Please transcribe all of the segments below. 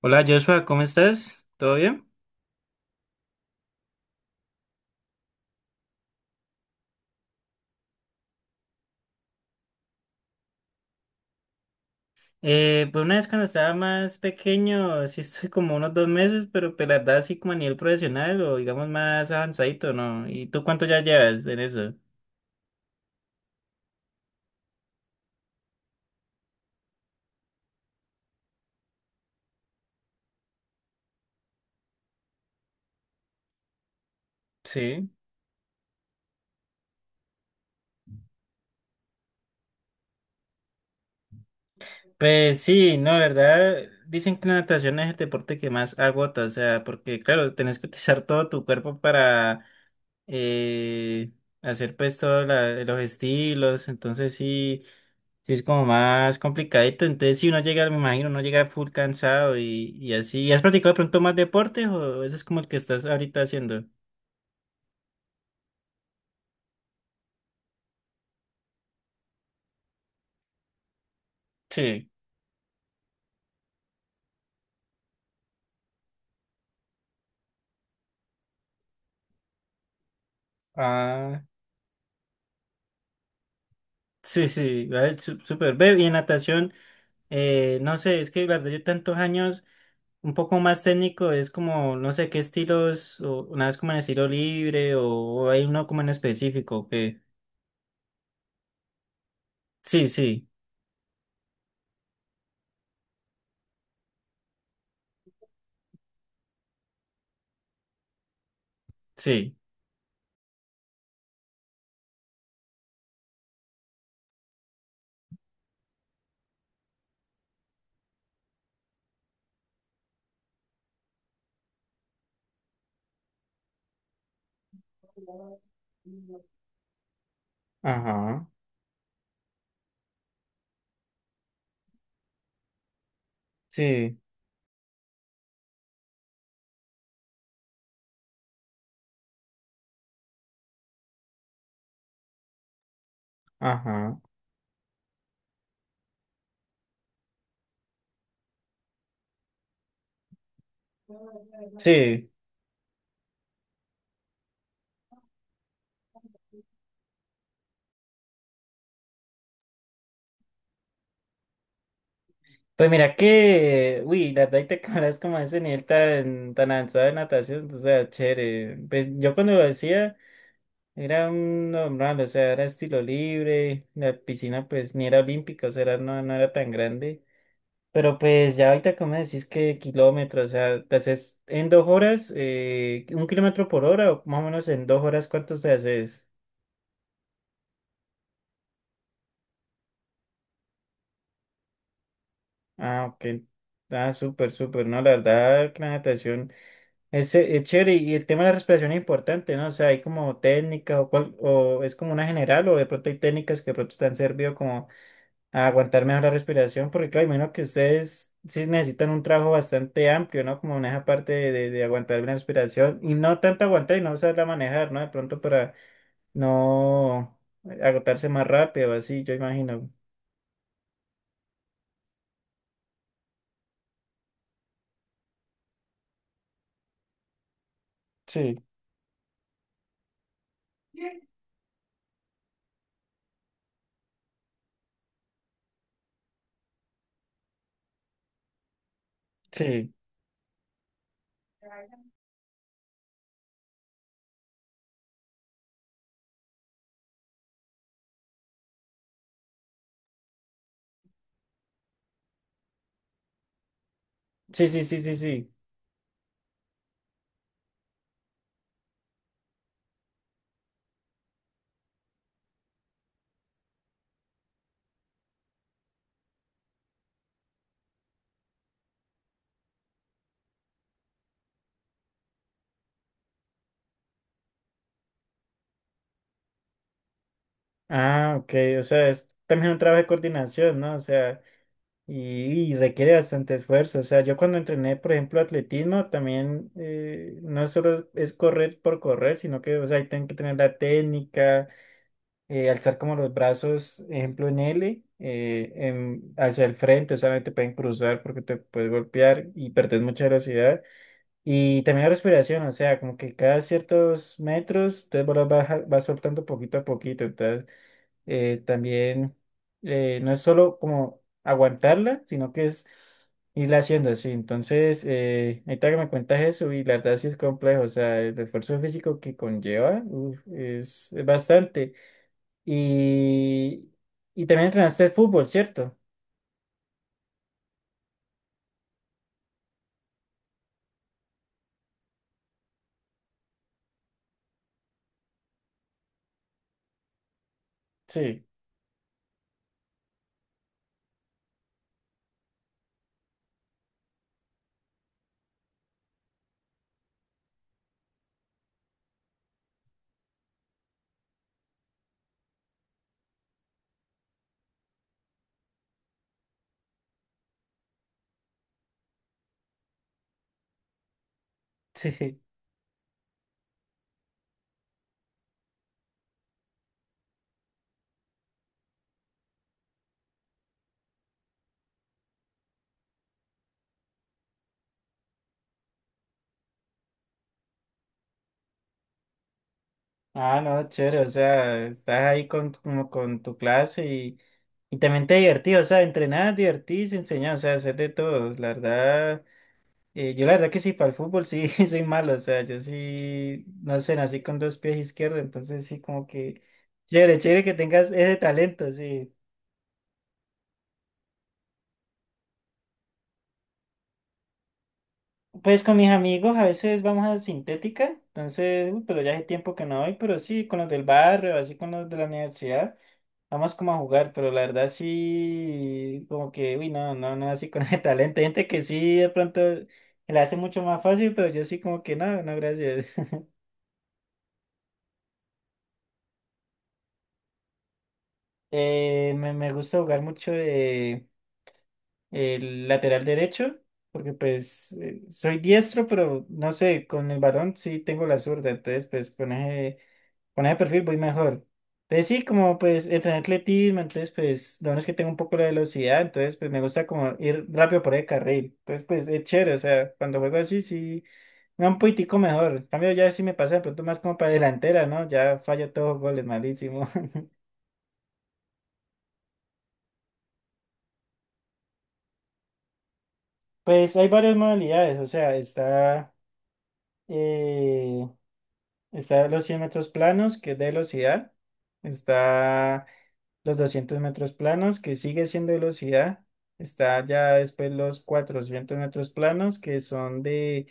Hola Joshua, ¿cómo estás? ¿Todo bien? Pues una vez cuando estaba más pequeño, sí estoy como unos dos meses, pero pues la verdad así como a nivel profesional o digamos más avanzadito, ¿no? ¿Y tú cuánto ya llevas en eso? Sí. Pues sí, no, la verdad, dicen que la natación es el deporte que más agota, o sea, porque claro, tenés que utilizar todo tu cuerpo para eh, hacer pues todos los estilos, entonces sí. Sí, es como más complicadito. Entonces, si uno llega, me imagino, uno llega full cansado y así. ¿Y has practicado de pronto más deportes o ese es como el que estás ahorita haciendo? Sí. Ah, sí, sí, vale, súper. Ve, y en natación, no sé, es que la verdad yo tantos años, un poco más técnico, es como, no sé qué estilos, o una vez como en estilo libre o hay uno como en específico que... Sí, sí, sí. Ajá, sí, ajá, sí. Pues mira que, uy, la verdad y te cabrás como a ese nivel tan, tan avanzado de natación, o sea, chévere. Pues yo cuando lo hacía era un normal, o sea, era estilo libre, la piscina pues ni era olímpica, o sea, no, no era tan grande. Pero pues ya ahorita como decís que kilómetros, o sea, te haces en dos horas, un kilómetro por hora, o más o menos en dos horas, ¿cuántos te haces? Ah, ok. Ah, súper, súper, no, la verdad que la natación... es chévere y el tema de la respiración es importante, ¿no? O sea, hay como técnicas o, o es como una general o de pronto hay técnicas que de pronto te han servido como a aguantar mejor la respiración, porque claro, imagino que ustedes sí necesitan un trabajo bastante amplio, ¿no? Como en esa parte de aguantar bien la respiración y no tanto aguantar y no saberla manejar, ¿no? De pronto para no agotarse más rápido, así, yo imagino. Sí, sí. Sí, sí, sí, sí, sí. Ah, ok, o sea, es también un trabajo de coordinación, ¿no? O sea... Y, y requiere bastante esfuerzo. O sea, yo cuando entrené, por ejemplo, atletismo, también no solo es correr por correr, sino que, o sea, ahí tienen que tener la técnica, alzar como los brazos, ejemplo, en L, hacia el frente, o sea, no te pueden cruzar porque te puedes golpear y perder mucha velocidad. Y también la respiración, o sea, como que cada ciertos metros, entonces vas soltando poquito a poquito. Entonces, también no es solo como aguantarla, sino que es irla haciendo así. Entonces, ahorita que me cuentas eso, y la verdad sí es complejo, o sea, el esfuerzo físico que conlleva uf, es bastante. Y, y también entrenaste fútbol, ¿cierto? Sí, sí. Ah, no, chévere, o sea, estás ahí con, como con tu clase y también te divertís, o sea, entrenás, divertís, enseñás, o sea, hacer de todo, la verdad. Yo la verdad que sí, para el fútbol sí soy malo, o sea, yo sí, no sé, nací con dos pies izquierdos, entonces sí como que chévere, chévere que tengas ese talento, sí. Pues con mis amigos a veces vamos a sintética, entonces, uy, pero ya hace tiempo que no voy, pero sí, con los del barrio, así con los de la universidad, vamos como a jugar, pero la verdad sí, como que, uy, no, no, no, así con ese talento, hay gente que sí, de pronto la hace mucho más fácil, pero yo sí como que no, no, gracias. Me gusta jugar mucho de... el lateral derecho, porque pues soy diestro, pero no sé, con el balón sí tengo la zurda, entonces pues con ese perfil voy mejor. Entonces sí, como pues entrenar atletismo, entonces pues lo bueno es que tengo un poco la velocidad, entonces pues me gusta como ir rápido por el carril, entonces pues es chévere, o sea, cuando juego así sí me da un poquitico mejor, en cambio ya sí me pasa de pronto más como para delantera, ¿no? Ya fallo todos los goles, malísimo. Pues hay varias modalidades, o sea, está... eh, Está los 100 metros planos, que es de velocidad. Está los 200 metros planos, que sigue siendo velocidad. Está ya después los 400 metros planos, que son de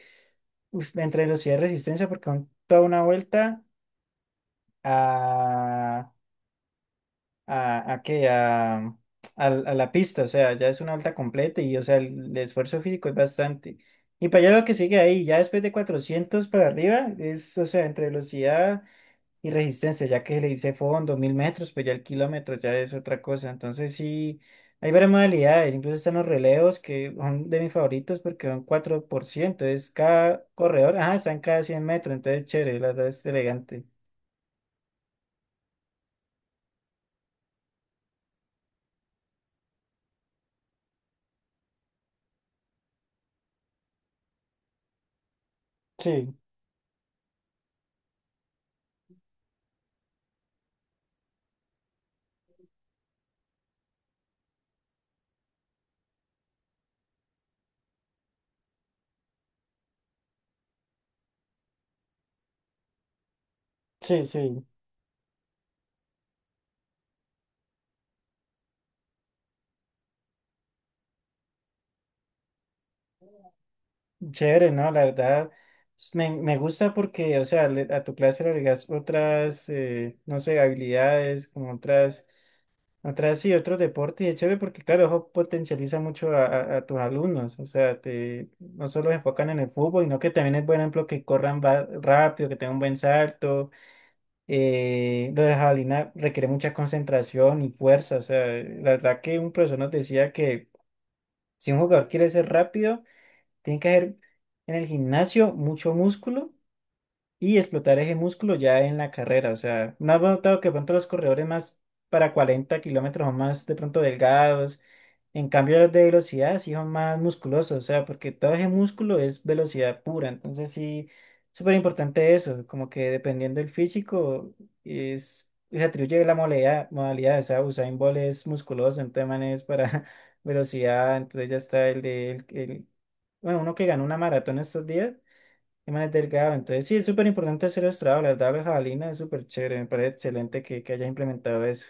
uf, entre velocidad y resistencia, porque son toda una vuelta a, a qué, a la pista. O sea, ya es una vuelta completa y, o sea, el esfuerzo físico es bastante. Y para allá lo que sigue ahí, ya después de 400 para arriba, es, o sea, entre velocidad. Y resistencia, ya que le hice fondo, 1000 metros, pues ya el kilómetro ya es otra cosa. Entonces sí, hay varias modalidades. Incluso están los relevos, que son de mis favoritos porque son 4% Es cada corredor, ajá, están cada 100 metros. Entonces chévere, la verdad es elegante. Sí, sí, sí. Chévere, ¿no? La verdad, me gusta porque, o sea, a tu clase le agregas otras, no sé, habilidades, como sí, otros deportes, y es chévere porque, claro, eso potencializa mucho a tus alumnos, o sea, te, no solo se enfocan en el fútbol, sino que también es, por ejemplo, que corran rápido, que tengan un buen salto, lo de jabalina requiere mucha concentración y fuerza, o sea, la verdad que un profesor nos decía que si un jugador quiere ser rápido, tiene que haber en el gimnasio mucho músculo y explotar ese músculo ya en la carrera. O sea, no has notado que de pronto los corredores más para 40 kilómetros o más de pronto delgados. En cambio, los de velocidad sí son más musculosos. O sea, porque todo ese músculo es velocidad pura. Entonces sí, súper importante eso. Como que dependiendo del físico es... Se atribuye la modalidad, modalidad, o sea, Usain Bolt es musculoso, entonces man es para velocidad, entonces ya está el de él bueno, uno que ganó una maratón estos días, el man es delgado. Entonces, sí, es súper importante hacer estrado. La tabla jabalina es súper chévere. Me parece excelente que hayas implementado eso.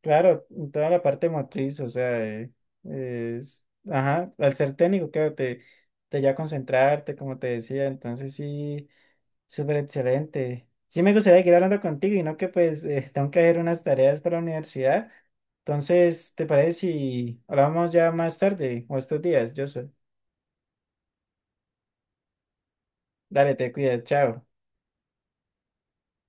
Claro, en toda la parte motriz, o sea, es, ajá, al ser técnico, claro, te lleva a concentrarte, como te decía. Entonces, sí, súper excelente. Sí, me gustaría seguir hablando contigo y no que pues tengo que hacer unas tareas para la universidad. Entonces, ¿te parece si hablamos ya más tarde o estos días, Yo soy Dale, te cuidas, chao.